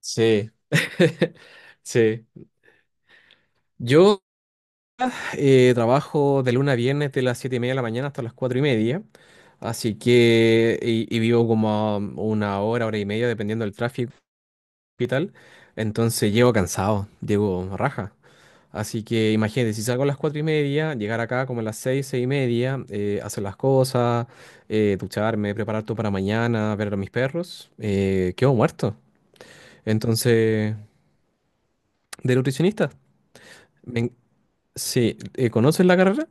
Sí, sí. Yo trabajo de lunes a viernes de las 7:30 de la mañana hasta las 4:30, así que, y vivo como a una hora, hora y media, dependiendo del tráfico y tal, entonces llego cansado, llego raja. Así que imagínate, si salgo a las 4:30, llegar acá como a las 6, 6:30, hacer las cosas, ducharme, preparar todo para mañana, ver a mis perros, quedo muerto. Entonces, de nutricionista. Me, Sí, ¿conoces la carrera?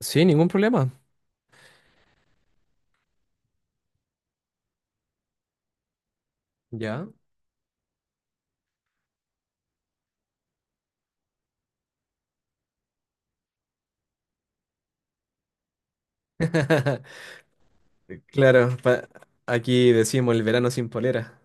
Sí, ningún problema. Ya. Claro, aquí decimos el verano sin polera.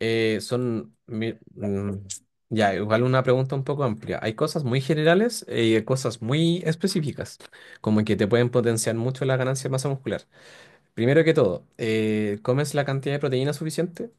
Eh, son... mi- mm, ya, igual una pregunta un poco amplia. Hay cosas muy generales y hay cosas muy específicas, como que te pueden potenciar mucho la ganancia de masa muscular. Primero que todo, ¿comes la cantidad de proteína suficiente?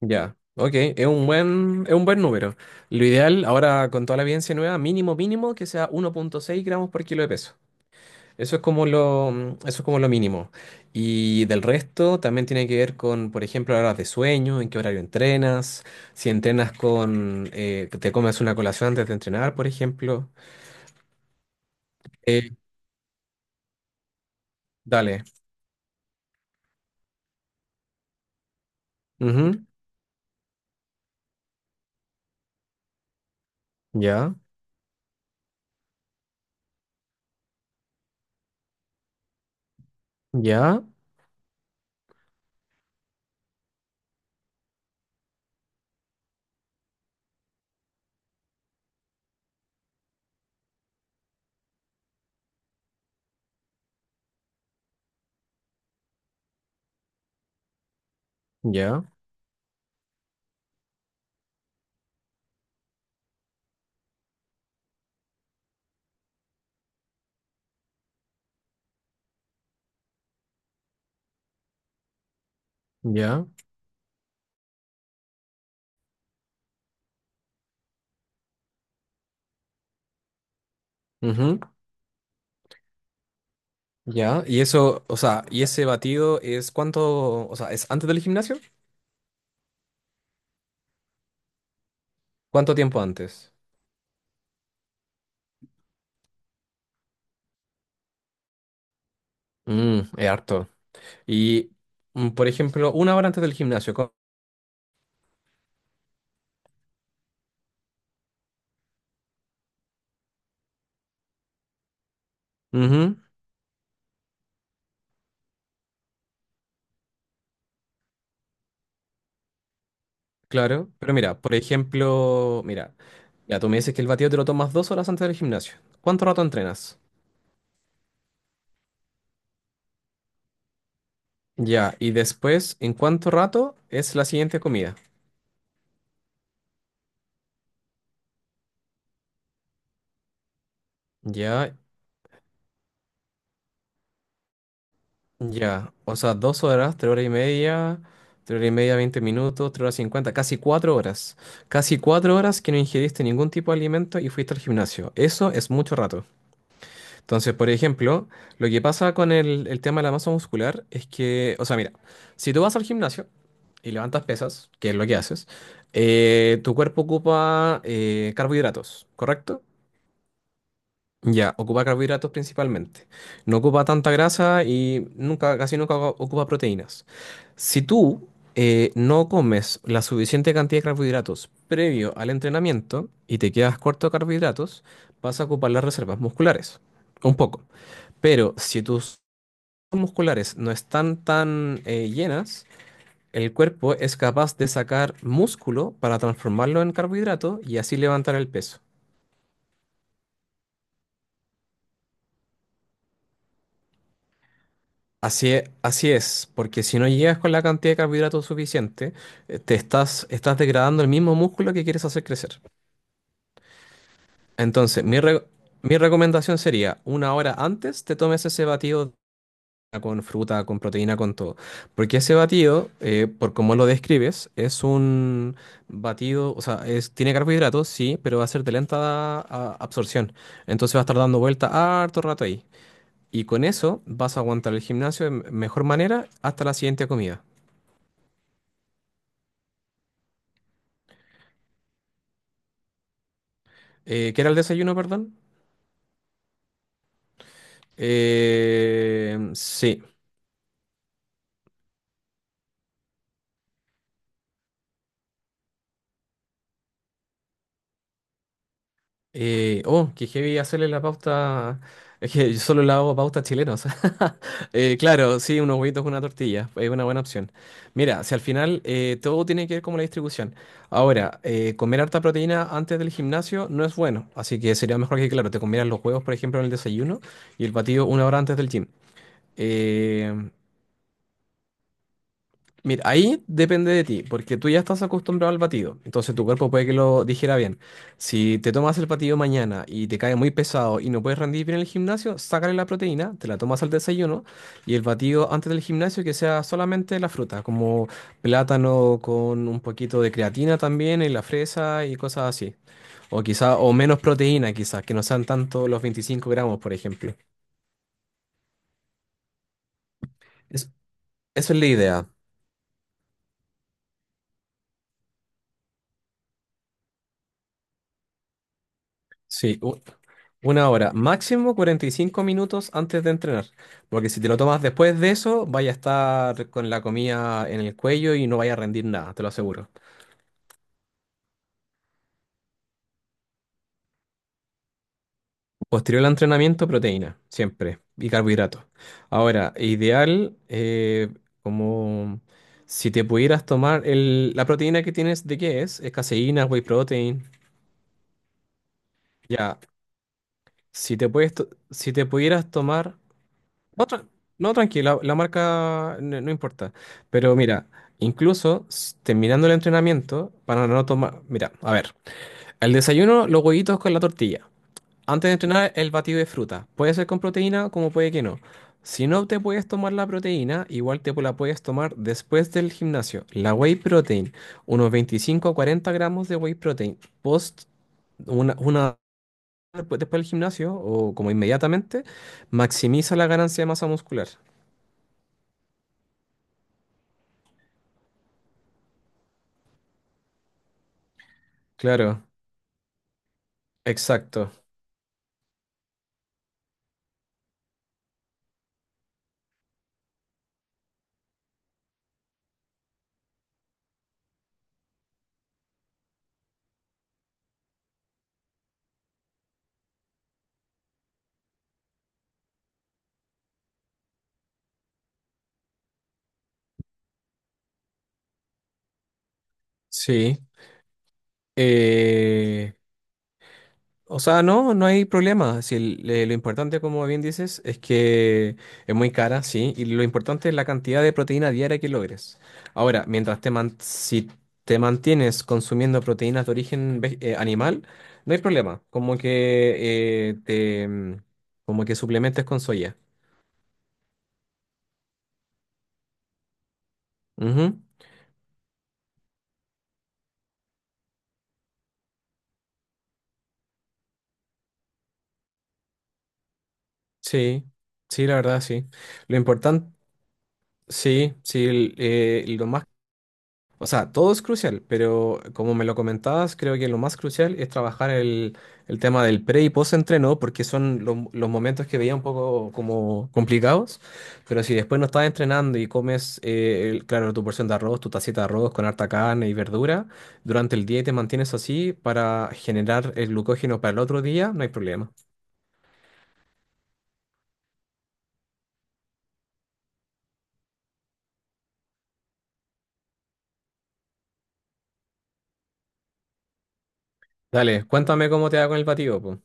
Ya, ok, es un buen número. Lo ideal, ahora con toda la evidencia nueva, mínimo, mínimo, que sea 1,6 gramos por kilo de peso. Eso es como lo, eso es como lo mínimo. Y del resto también tiene que ver con, por ejemplo, horas de sueño, en qué horario entrenas, si entrenas con, que te comes una colación antes de entrenar, por ejemplo. Eh, dale. Ujú. Ya, ya, ya, ya. Ujú. Ya. Y eso, o sea, y ese batido es cuánto, o sea, ¿es antes del gimnasio? ¿Cuánto tiempo antes? Mm, es harto. Y, por ejemplo, una hora antes del gimnasio. Ujú. Claro, pero mira, por ejemplo, mira, ya tú me dices que el batido te lo tomas 2 horas antes del gimnasio. ¿Cuánto rato entrenas? Ya, y después, ¿en cuánto rato es la siguiente comida? Ya, ya, o sea, dos horas, 3 horas y media, 3 horas y media, 20 minutos, 3 horas 50, casi 4 horas. Casi cuatro horas que no ingeriste ningún tipo de alimento y fuiste al gimnasio. Eso es mucho rato. Entonces, por ejemplo, lo que pasa con el tema de la masa muscular es que, o sea, mira, si tú vas al gimnasio y levantas pesas, que es lo que haces, tu cuerpo ocupa carbohidratos, ¿correcto? Ya, ocupa carbohidratos principalmente. No ocupa tanta grasa y nunca, casi nunca ocupa proteínas. Si tú no comes la suficiente cantidad de carbohidratos previo al entrenamiento y te quedas corto de carbohidratos, vas a ocupar las reservas musculares. Un poco. Pero si tus musculares no están tan llenas, el cuerpo es capaz de sacar músculo para transformarlo en carbohidrato y así levantar el peso. Así es, porque si no llegas con la cantidad de carbohidratos suficiente, te estás, estás degradando el mismo músculo que quieres hacer crecer. Entonces, mi recomendación sería, una hora antes te tomes ese batido con fruta, con proteína, con todo. Porque ese batido, por cómo lo describes, es un batido, o sea, es, tiene carbohidratos, sí, pero va a ser de lenta absorción. Entonces va a estar dando vuelta harto rato ahí. Y con eso vas a aguantar el gimnasio de mejor manera hasta la siguiente comida. ¿Qué era el desayuno, perdón? Sí. Oh, que heavy hacerle la pauta. Es que yo solo le hago pautas chilenas. Claro, sí, unos huevitos con una tortilla. Es una buena opción. Mira, si al final todo tiene que ver como la distribución. Ahora, comer harta proteína antes del gimnasio no es bueno. Así que sería mejor que, claro, te comieras los huevos, por ejemplo, en el desayuno y el batido una hora antes del gym. Eh, Mira, ahí depende de ti, porque tú ya estás acostumbrado al batido, entonces tu cuerpo puede que lo digiera bien. Si te tomas el batido mañana y te cae muy pesado y no puedes rendir bien en el gimnasio, sácale la proteína, te la tomas al desayuno y el batido antes del gimnasio que sea solamente la fruta, como plátano con un poquito de creatina también y la fresa y cosas así. O quizá, o menos proteína quizás, que no sean tanto los 25 gramos, por ejemplo. Es- eso es la idea. Sí, una hora, máximo 45 minutos antes de entrenar, porque si te lo tomas después de eso, vaya a estar con la comida en el cuello y no vaya a rendir nada, te lo aseguro. Posterior al entrenamiento, proteína, siempre, y carbohidratos. Ahora, ideal, como si te pudieras tomar el, la proteína que tienes, ¿de qué es? Es caseína, whey protein, ya. Si te pudieras tomar. No, tra- no, tranquila, la marca no, no importa. Pero mira, incluso terminando el entrenamiento, para no tomar. Mira, a ver, el desayuno, los huevitos con la tortilla. Antes de entrenar, el batido de fruta. Puede ser con proteína, como puede que no. Si no te puedes tomar la proteína, igual te la puedes tomar después del gimnasio. La whey protein, unos 25 a 40 gramos de whey protein. Post una después del gimnasio o como inmediatamente, maximiza la ganancia de masa muscular. Claro, exacto. Sí. Eh, o sea, no, no hay problema. Si el- lo importante, como bien dices, es que es muy cara, sí, y lo importante es la cantidad de proteína diaria que logres. Ahora, mientras si te mantienes consumiendo proteínas de origen animal, no hay problema. Como que te como que suplementes con soya. Ujú. Sí, sí, la verdad, sí. Lo importante, sí, sí, el- lo más o sea, todo es crucial, pero como me lo comentabas, creo que lo más crucial es trabajar el tema del pre y post entreno, porque son los momentos que veía un poco como complicados, pero si después no estás entrenando y comes, claro, tu porción de arroz, tu tacita de arroz con harta carne y verdura, durante el día y te mantienes así para generar el glucógeno para el otro día, no hay problema. Dale, cuéntame cómo te va con el batido, po.